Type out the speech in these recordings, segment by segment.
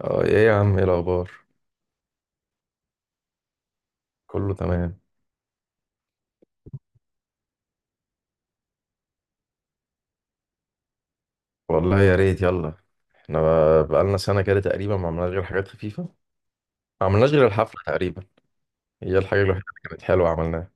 اه ايه يا عم، ايه الاخبار؟ كله تمام. والله يا ريت، يلا. بقالنا سنه كده تقريبا ما عملناش غير حاجات خفيفه. ما عملناش غير الحفله تقريبا. هي الحاجه الوحيده اللي كانت حلوه عملناها.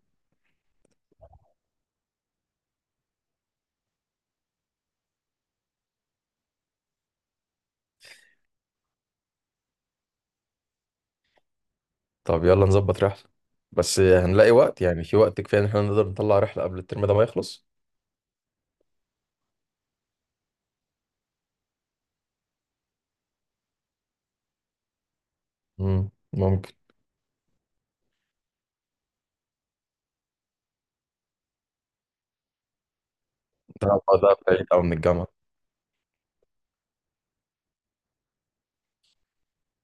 طب يلا نظبط رحله. بس هنلاقي وقت؟ يعني في وقت كفايه ان احنا نقدر نطلع رحله قبل الترم ده ما يخلص؟ ممكن. ده ده بعيد قوي من الجامعه.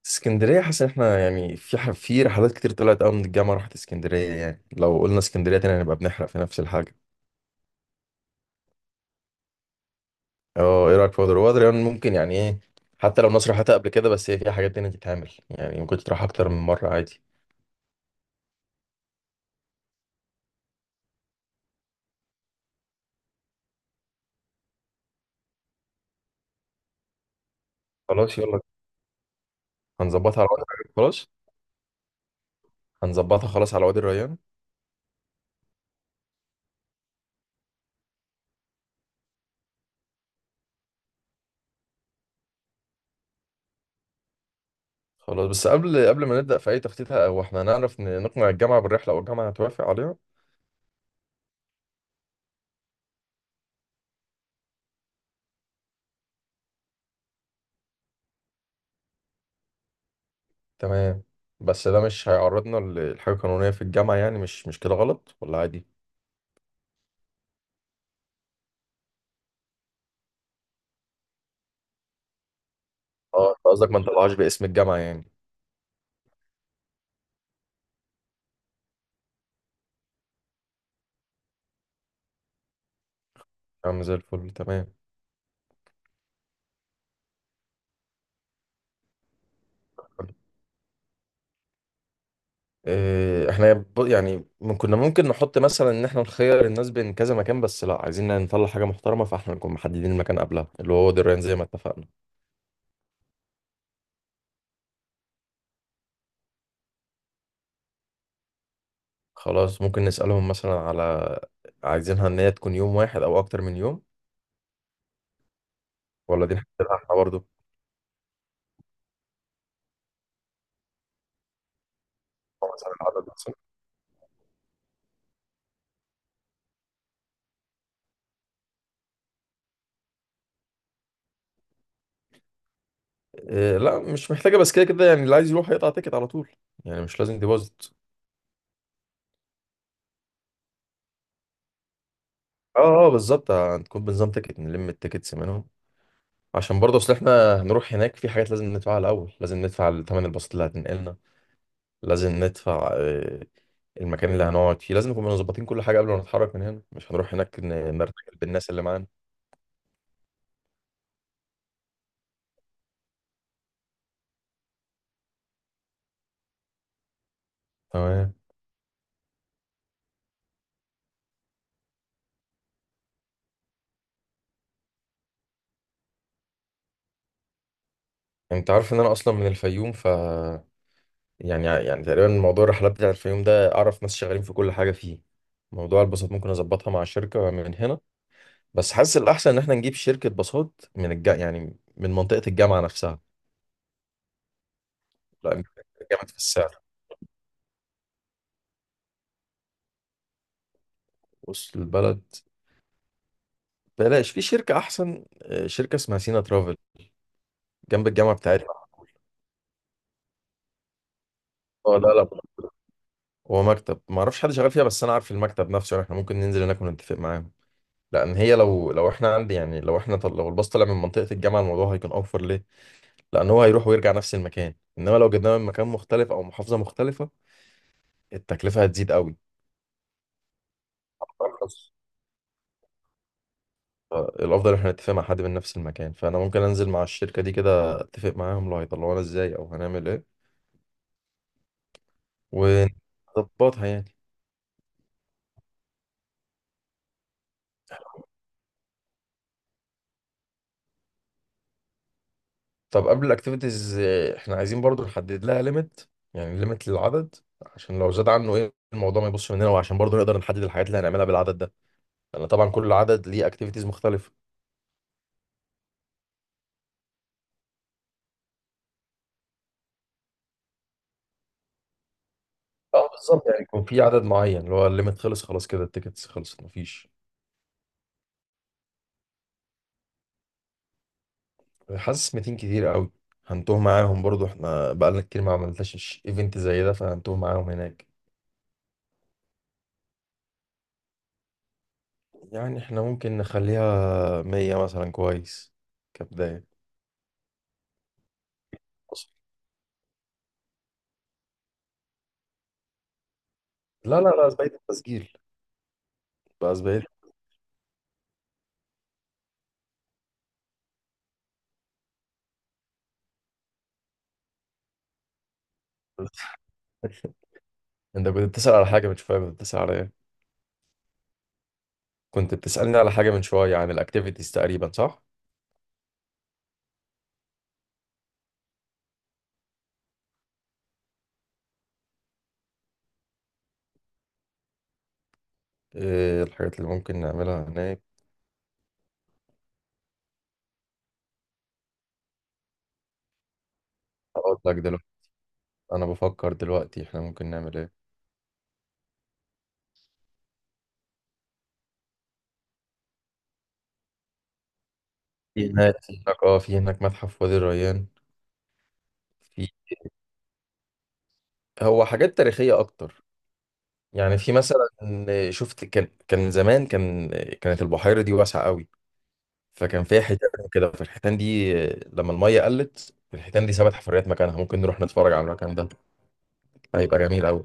اسكندريه، حاسس ان احنا يعني في رحلات كتير طلعت قوي من الجامعه راحت اسكندريه، يعني لو قلنا اسكندريه تاني هنبقى بنحرق في نفس الحاجه. اه، ايه رايك في وادر؟ يعني ممكن، يعني ايه، حتى لو مصر، حتى قبل كده، بس هي فيها حاجات تانية تتعمل يعني، ممكن تروح اكتر من مره عادي. خلاص يلا، هنظبطها على وادر الريان. خلاص هنظبطها خلاص على وادي الريان. خلاص، بس قبل ما نبدا في اي تخطيط، او احنا هنعرف نقنع الجامعه بالرحله؟ او الجامعه هتوافق عليها؟ تمام، بس ده مش هيعرضنا لحاجه قانونيه في الجامعه؟ يعني مش كده غلط ولا عادي؟ اه، انت قصدك ما نطلعهاش باسم الجامعه يعني. يا عم زي الفل، تمام. احنا كنا ممكن نحط مثلا ان احنا نخير الناس بين كذا مكان، بس لا، عايزين نطلع حاجه محترمه، فاحنا نكون محددين المكان قبلها، اللي هو وادي الريان زي ما اتفقنا. خلاص، ممكن نسالهم مثلا على، عايزينها ان هي تكون يوم واحد او اكتر من يوم؟ ولا دي نحددها احنا برضه؟ أو مثلا العدد مثلا. إيه لا، مش محتاجه، بس كده كده يعني اللي عايز يروح هيقطع تيكت على طول، يعني مش لازم ديبوزيت. اه بالظبط. هتكون بنظام تيكت، نلم التيكتس منهم. عشان برضه اصل احنا هنروح هناك، في حاجات لازم ندفعها الاول. لازم ندفع ثمن الباصات اللي هتنقلنا. لازم ندفع. المكان اللي هنقعد فيه لازم نكون مظبطين كل حاجه قبل ما نتحرك من هنا. مش هنروح هناك نرتجل بالناس اللي معانا. تمام. انت عارف ان انا اصلا من الفيوم، ف يعني تقريبا موضوع الرحلات بتاع الفيوم ده، اعرف ناس شغالين في كل حاجه فيه. موضوع الباصات ممكن اظبطها مع الشركه من هنا. بس حاسس الاحسن ان احنا نجيب شركه باصات يعني من منطقه الجامعه نفسها. لا، جامد في السعر، وسط البلد. بلاش، في شركه احسن، شركه اسمها سينا ترافل، جنب الجامعه بتاعتنا. اه، لا، هو مكتب، ما اعرفش حد شغال فيها، بس انا عارف المكتب نفسه. يعني احنا ممكن ننزل هناك ونتفق معاهم. لان هي، لو احنا عندي يعني لو احنا لو الباص طلع من منطقه الجامعه، الموضوع هيكون اوفر، ليه؟ لان هو هيروح ويرجع نفس المكان. انما لو جبناه من مكان مختلف او محافظه مختلفه، التكلفه هتزيد قوي. أرخص. الافضل احنا نتفق مع حد من نفس المكان، فانا ممكن انزل مع الشركه دي كده، اتفق معاهم، لو هيطلعونا ازاي او هنعمل ايه ونظبطها يعني. طب قبل الاكتيفيتيز، احنا عايزين برضو نحدد لها ليميت، يعني ليميت للعدد، عشان لو زاد عنه، ايه، الموضوع ما يبصش مننا، وعشان برضو نقدر نحدد الحاجات اللي هنعملها بالعدد ده، لان طبعا كل عدد ليه اكتيفيتيز مختلفة. اه بالظبط، يعني يكون في عدد معين اللي هو الليميت، خلص خلاص كده، التيكتس خلصت، مفيش. حاسس 200 كتير قوي، هنتوه معاهم. برضو احنا بقالنا كتير ما عملناش ايفنت زي ده، فهنتوه معاهم هناك. يعني احنا ممكن نخليها 100 مثلا، كويس، كبداية. لا لا لا، زباين التسجيل، بقى زباين. انت كنت بتسأل على حاجة من شوية، كنت بتسأل على ايه؟ كنت بتسألني على حاجة من شوية عن الاكتيفيتيز تقريبا، صح؟ ايه الحاجات اللي ممكن نعملها هناك؟ هقول لك دلوقتي. انا بفكر دلوقتي، احنا ممكن نعمل ايه؟ في هناك متحف وادي الريان. في، هو حاجات تاريخية اكتر، يعني في مثلا، شفت، كان زمان كانت البحيرة دي واسعة قوي، فكان فيها حيتان كده، فالحيتان دي لما المية قلت، الحيتان دي سابت حفريات مكانها، ممكن نروح نتفرج على المكان ده، هيبقى جميل قوي.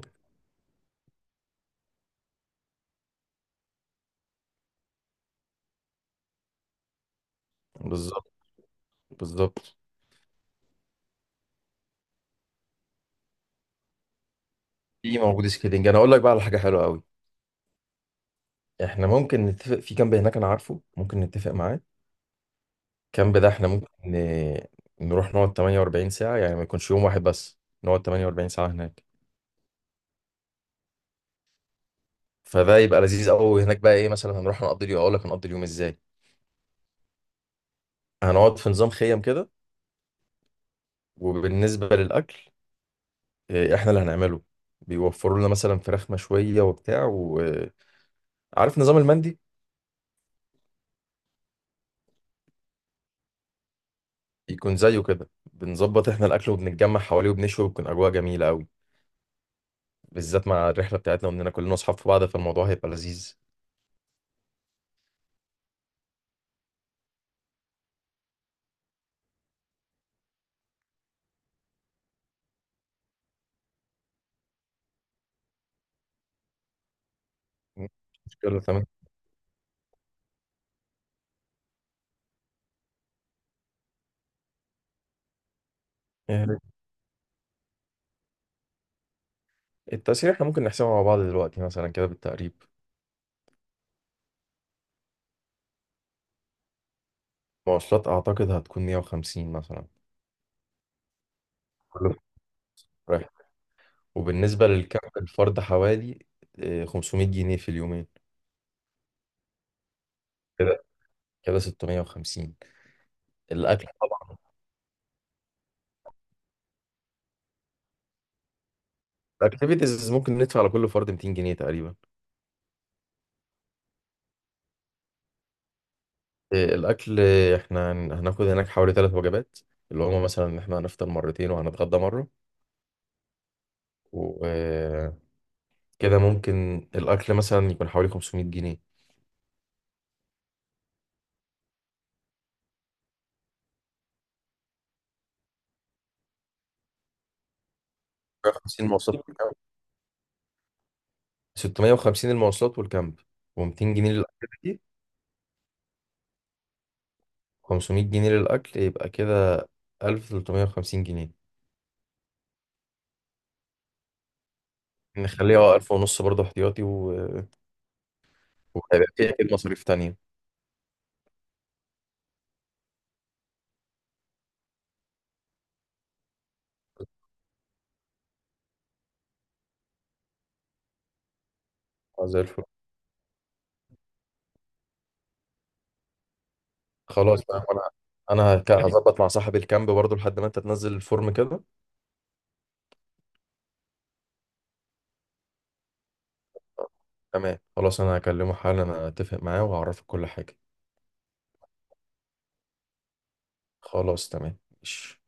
بالظبط، بالظبط. في موجود سكيلينج. انا اقول لك بقى على حاجه حلوه قوي، احنا ممكن نتفق في كامب هناك، انا عارفه، ممكن نتفق معاه. الكامب ده احنا ممكن نروح نقعد 48 ساعه، يعني ما يكونش يوم واحد بس، نقعد 48 ساعه هناك، فده يبقى لذيذ قوي. هناك بقى ايه مثلا؟ هنروح نقضي اليوم، اقول لك هنقضي اليوم ازاي. هنقعد في نظام خيم كده. وبالنسبه للاكل، احنا اللي هنعمله، بيوفروا لنا مثلا فراخ مشويه وبتاع، وعارف نظام المندي، يكون زيه كده، بنظبط احنا الاكل وبنتجمع حواليه وبنشوي، وبتكون اجواء جميله قوي، بالذات مع الرحلة بتاعتنا، وإننا كلنا أصحاب في بعض، فالموضوع هيبقى لذيذ. مش مشكلة، تمام. يعني التأشيرة إحنا ممكن نحسبها مع بعض دلوقتي مثلا كده بالتقريب. مواصلات أعتقد هتكون 150 مثلا، كله رايح. وبالنسبة للكامب، الفرد حوالي 500 جنيه في اليومين، كده كده 650. الأكل طبعا، الأكتيفيتيز ممكن ندفع على كل فرد 200 جنيه تقريبا. الأكل، آه، إحنا هن- هناخد هناك حوالي 3 وجبات، اللي هما مثلا إن إحنا هنفطر مرتين وهنتغدى مرة. كده ممكن الأكل مثلا يكون حوالي 500 جنيه. 50 مواصلات والكامب، 650 المواصلات والكامب، و200 جنيه للأكل، 500 جنيه للأكل، يبقى كده 1350 جنيه. نخليها اه 1000 ونص برضه احتياطي و... وهيبقى في أكيد مصاريف تانية. اه زي الفل. خلاص بقى، وأنا، هظبط مع صاحب الكامب برضه لحد ما أنت تنزل الفورم كده. تمام، خلاص، أنا هكلمه حالا، أنا أتفق معاه وأعرفك كل حاجة. خلاص تمام، ماشي.